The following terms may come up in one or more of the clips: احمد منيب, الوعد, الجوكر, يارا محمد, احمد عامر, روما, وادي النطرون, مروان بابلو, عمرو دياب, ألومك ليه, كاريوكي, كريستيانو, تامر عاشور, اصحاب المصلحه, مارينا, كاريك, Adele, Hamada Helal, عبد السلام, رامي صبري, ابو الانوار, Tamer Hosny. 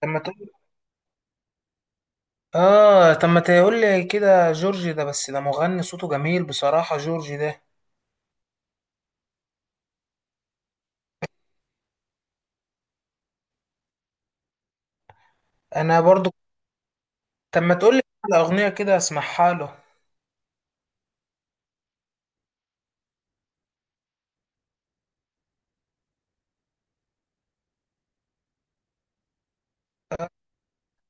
طب ما تقول. اه، طب ما تقول لي كده جورج ده. بس ده مغني صوته جميل بصراحة جورج ده. انا برضو. طب ما تقول لي على اغنية كده اسمعها له أنا.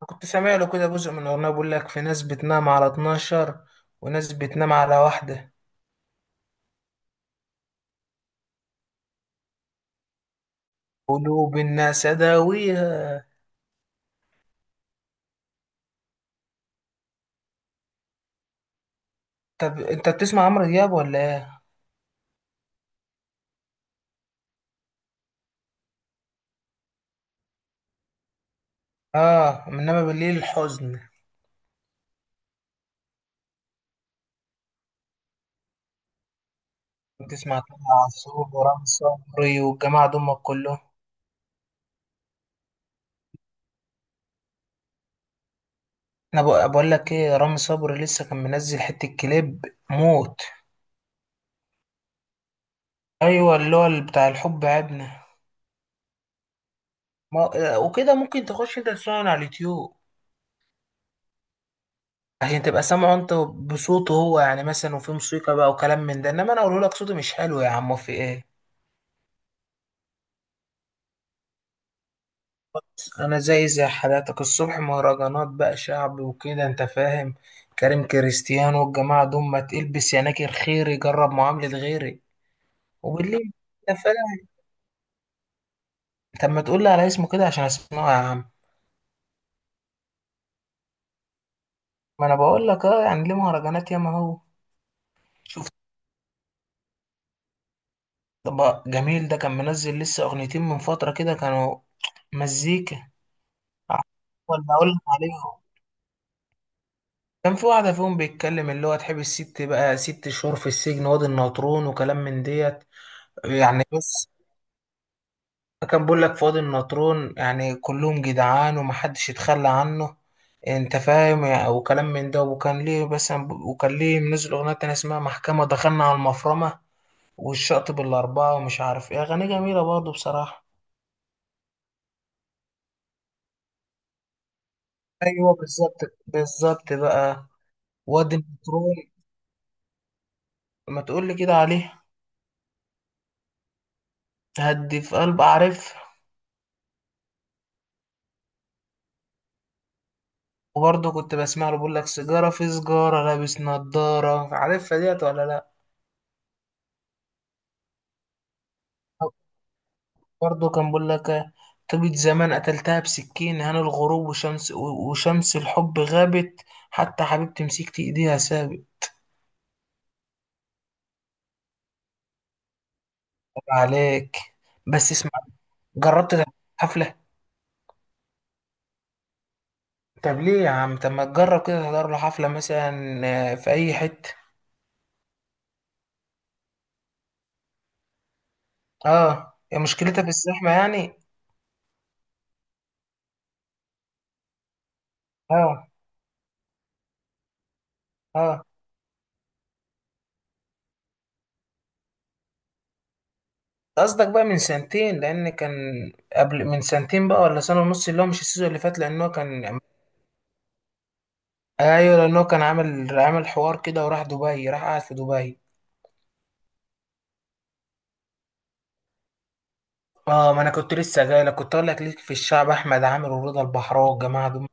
كنت سامع له كده جزء من اغنية بيقول لك في ناس بتنام على 12 وناس بتنام على واحدة. قلوب الناس اداويها. طب انت بتسمع عمرو دياب ولا ايه؟ اه، انما بالليل الحزن. بتسمع تامر عاشور ورامي صبري والجماعة دول كلهم؟ انا بقول لك ايه، رامي صبري لسه كان منزل حتة كليب موت. ايوه، اللي هو اللي بتاع الحب عدنا. ما... وكده ممكن تخش انت تسمعه من على اليوتيوب عشان تبقى سامعه انت بصوته هو، يعني مثلا، وفي موسيقى بقى وكلام من ده. انما انا اقول لك صوته مش حلو يا عم، في ايه. انا زي حالاتك الصبح مهرجانات بقى شعب وكده انت فاهم. كريم كريستيانو والجماعه دول، ما تلبس يناكر خيري جرب معاملة غيري. وبالليل انت فاهم. طب ما تقول لي على اسمه كده عشان اسمعه يا عم. ما انا بقول لك، اه يعني ليه مهرجانات ياما هو. شوف، طب جميل ده كان منزل لسه اغنيتين من فترة كده كانوا مزيكا. ولا اقول لك عليهم؟ كان في واحدة فيهم بيتكلم، اللي هو تحب الست بقى ست شهور في السجن وادي النطرون وكلام من ديت، يعني بس. كان بيقول لك في وادي النطرون يعني كلهم جدعان ومحدش يتخلى عنه، انت فاهم يعني، وكلام من ده. وكان ليه بس وكان ليه منزل اغنية تانية اسمها محكمة دخلنا على المفرمة والشاطب الأربعة ومش عارف ايه. أغاني جميلة برضه بصراحة. ايوه بالظبط، بالظبط بقى. وادي النطرون، ما تقول لي كده عليه. هدي في قلب اعرف. وبرضه كنت بسمع له بيقول لك سيجاره في سجاره لابس نضاره، عارفها ديت ولا لا؟ برضه كان بيقول لك طيبة زمان قتلتها بسكين، هان الغروب، وشمس الحب غابت، حتى حبيبتي مسكت ايديها سابق. طب عليك، بس اسمع. جربت تحضر حفلة؟ طب ليه يا عم؟ طب ما تجرب كده تحضر له حفلة مثلا. في أي حتة. اه، هي مشكلتها في الزحمة يعني. اه. اه. قصدك بقى من سنتين لان كان قبل، من سنتين بقى ولا سنة ونص، اللي هو مش السيزون اللي فات لان هو كان. ايوه لان هو كان عامل حوار كده، وراح دبي راح قاعد في دبي. اه، ما انا كنت لسه جاي لك، كنت اقول لك ليك في الشعب احمد عامر ورضا البحراوي الجماعة دول.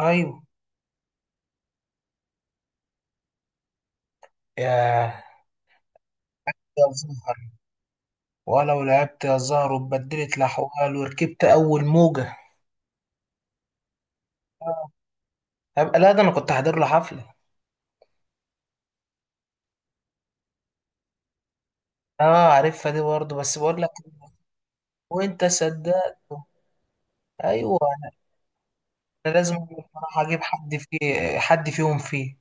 ايوه. ياه. يا زهر، ولو لعبت يا زهر واتبدلت الاحوال وركبت اول موجة. هبقى لا، ده انا كنت حاضر له حفلة. اه عارفها دي برضه، بس بقول لك. وانت صدقته؟ ايوه، انا لازم بصراحه اجيب حد فيه، حد فيهم فيه.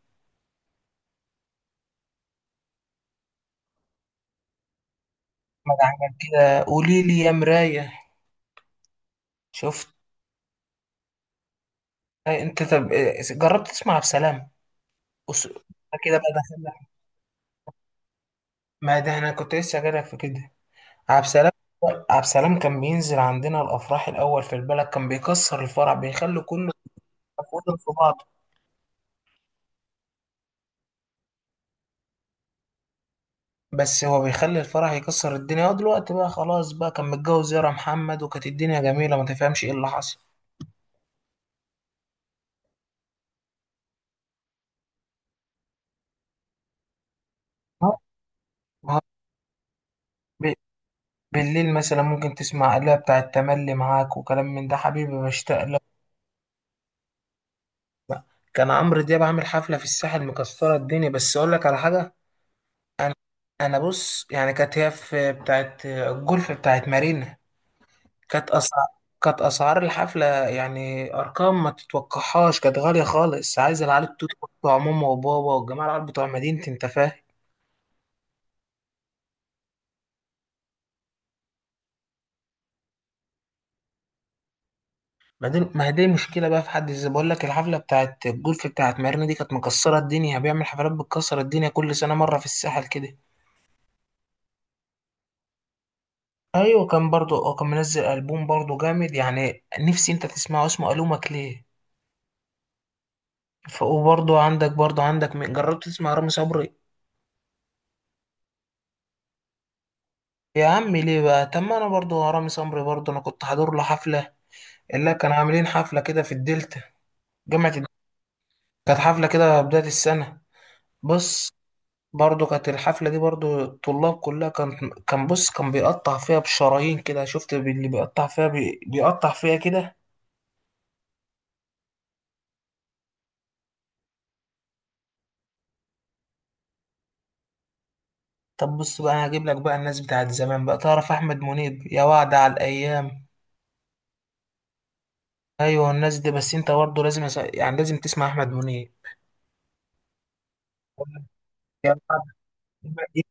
ما عمل كده قولي لي يا مرايه. شفت؟ أي انت، طب إيه، جربت تسمع عبد السلام؟ أس- كده بقى دخلنا. ما ده انا كنت لسه جايلك في كده. عبد السلام. عبد السلام، كان بينزل عندنا الافراح الاول في البلد، كان بيكسر الفرح بيخلي كله يتفاوض في بعضه. بس هو بيخلي الفرح يكسر الدنيا. هو دلوقتي بقى خلاص بقى، كان متجوز يارا محمد وكانت الدنيا جميله، ما تفهمش ايه اللي حصل. ما هو، بالليل مثلا ممكن تسمع آلة بتاعة تملي معاك وكلام من ده، حبيبي بشتاق لك. كان عمرو دياب عامل حفلة في الساحل مكسرة الدنيا. بس أقول لك على حاجة، أنا أنا بص يعني كانت هي في بتاعة الجولف بتاعة مارينا. كانت أسعار كانت أسعار الحفلة يعني أرقام ما تتوقعهاش، كانت غالية خالص، عايز العيال التوت بتوع ماما وبابا والجماعة، العيال بتوع مدينتي أنت فاهم. بعدين ما هي دي مشكلة بقى في حد ذاتها، بقول لك الحفلة بتاعت الجولف بتاعت مارينا دي كانت مكسرة الدنيا، بيعمل حفلات بتكسر الدنيا كل سنة مرة في الساحل كده. ايوه كان برضو كان منزل ألبوم برضو جامد، يعني نفسي انت تسمعه اسمه ألومك ليه. وبرضو عندك برضو عندك جربت تسمع رامي صبري؟ يا عم ليه بقى؟ طب ما انا برضو رامي صبري برضو انا كنت حاضر له حفلة، اللي كانوا عاملين حفلة كده في الدلتا، جامعة الدلتا. كانت حفلة كده بداية السنة. بص، برضو كانت الحفلة دي برضو الطلاب كلها كان بص كان بيقطع فيها بشرايين كده، شفت اللي بيقطع فيها بيقطع فيها كده. طب بص بقى انا هجيب لك بقى الناس بتاعت زمان بقى، تعرف احمد منيب يا وعد على الايام. ايوه الناس دي، بس انت برضو لازم يعني لازم تسمع احمد منيب. يا وعد،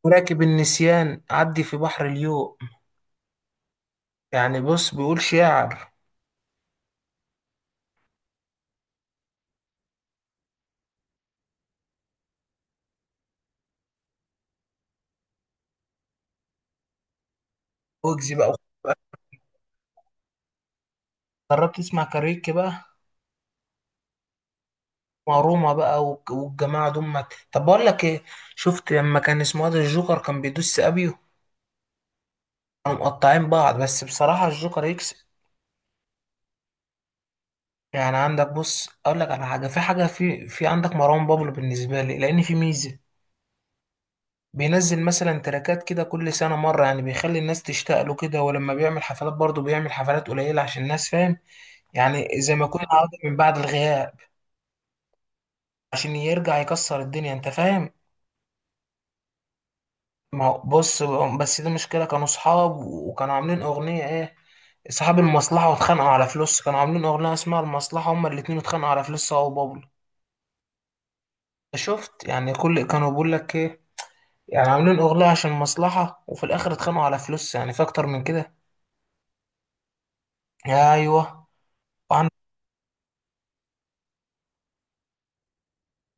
راكب النسيان عدي في بحر اليوم، يعني بص بيقول شعر. وجزي بقى، جربت تسمع كاريوكي بقى؟ وروما بقى والجماعة دول. طب بقول لك ايه، شفت لما كان اسمه ده الجوكر كان بيدوس ابيو، كانوا مقطعين بعض بس بصراحة الجوكر يكسب. يعني عندك، بص اقول لك على حاجة، في حاجة في عندك مروان بابلو. بالنسبة لي لان في ميزة، بينزل مثلا تراكات كده كل سنة مرة، يعني بيخلي الناس تشتاق له كده، ولما بيعمل حفلات برضه بيعمل حفلات قليلة عشان الناس فاهم، يعني زي ما يكون عودة من بعد الغياب، عشان يرجع يكسر الدنيا انت فاهم. ما هو بص، بس دي مشكلة، كانوا صحاب وكانوا عاملين أغنية ايه، اصحاب المصلحه، واتخانقوا على فلوس. كانوا عاملين اغنيه اسمها المصلحه هما الاتنين، اتخانقوا على فلوس هو وبابلو. شفت يعني، كل كانوا بيقول لك ايه، يعني عاملين اغنيه عشان مصلحه وفي الاخر اتخانقوا على فلوس، يعني في اكتر من كده. ايوه. وعن.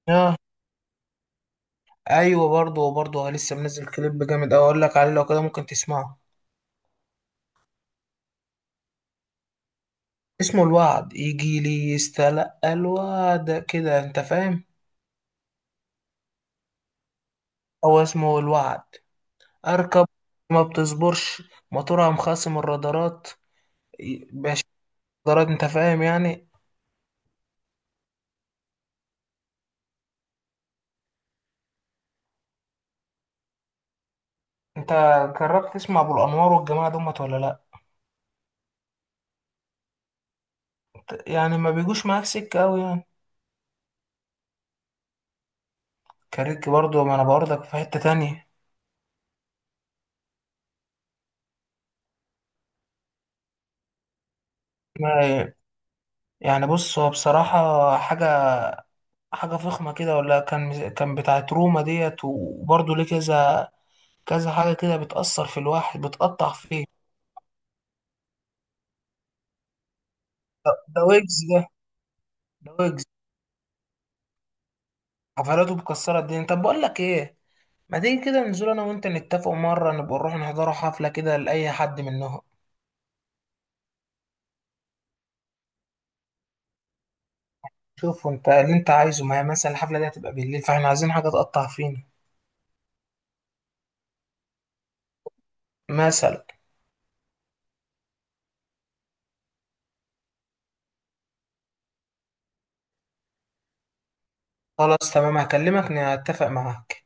آه، ايوه برضه، وبرضه لسه منزل كليب جامد اوي، اقول لك عليه لو كده ممكن تسمعه، اسمه الوعد. يجي لي يستلقى الوعد كده، انت فاهم. هو اسمه الوعد. اركب، ما بتصبرش، موتورها مخاصم الرادارات درجة، انت فاهم يعني. انت جربت تسمع ابو الانوار والجماعه دمت ولا لا؟ يعني ما بيجوش معاك سكه قوي يعني. كاريك برضو ما انا برضك في حته تانية. ما يعني بص هو بصراحه حاجه، حاجه فخمه كده، ولا كان بتاعت روما ديت، وبرضو ليه كذا، كذا حاجه كده بتاثر في الواحد بتقطع فيه. ده ويجز ده، ده ويجز حفلاته مكسره الدنيا. طب بقول لك ايه، ما تيجي كده ننزل انا وانت نتفق مره، نبقى نروح نحضروا حفله كده لاي حد منهم. شوف انت اللي انت عايزه، ما هي مثلا الحفله دي هتبقى بالليل، فاحنا عايزين حاجه تقطع فينا. مثلا. خلاص تمام هكلمك نتفق معاك.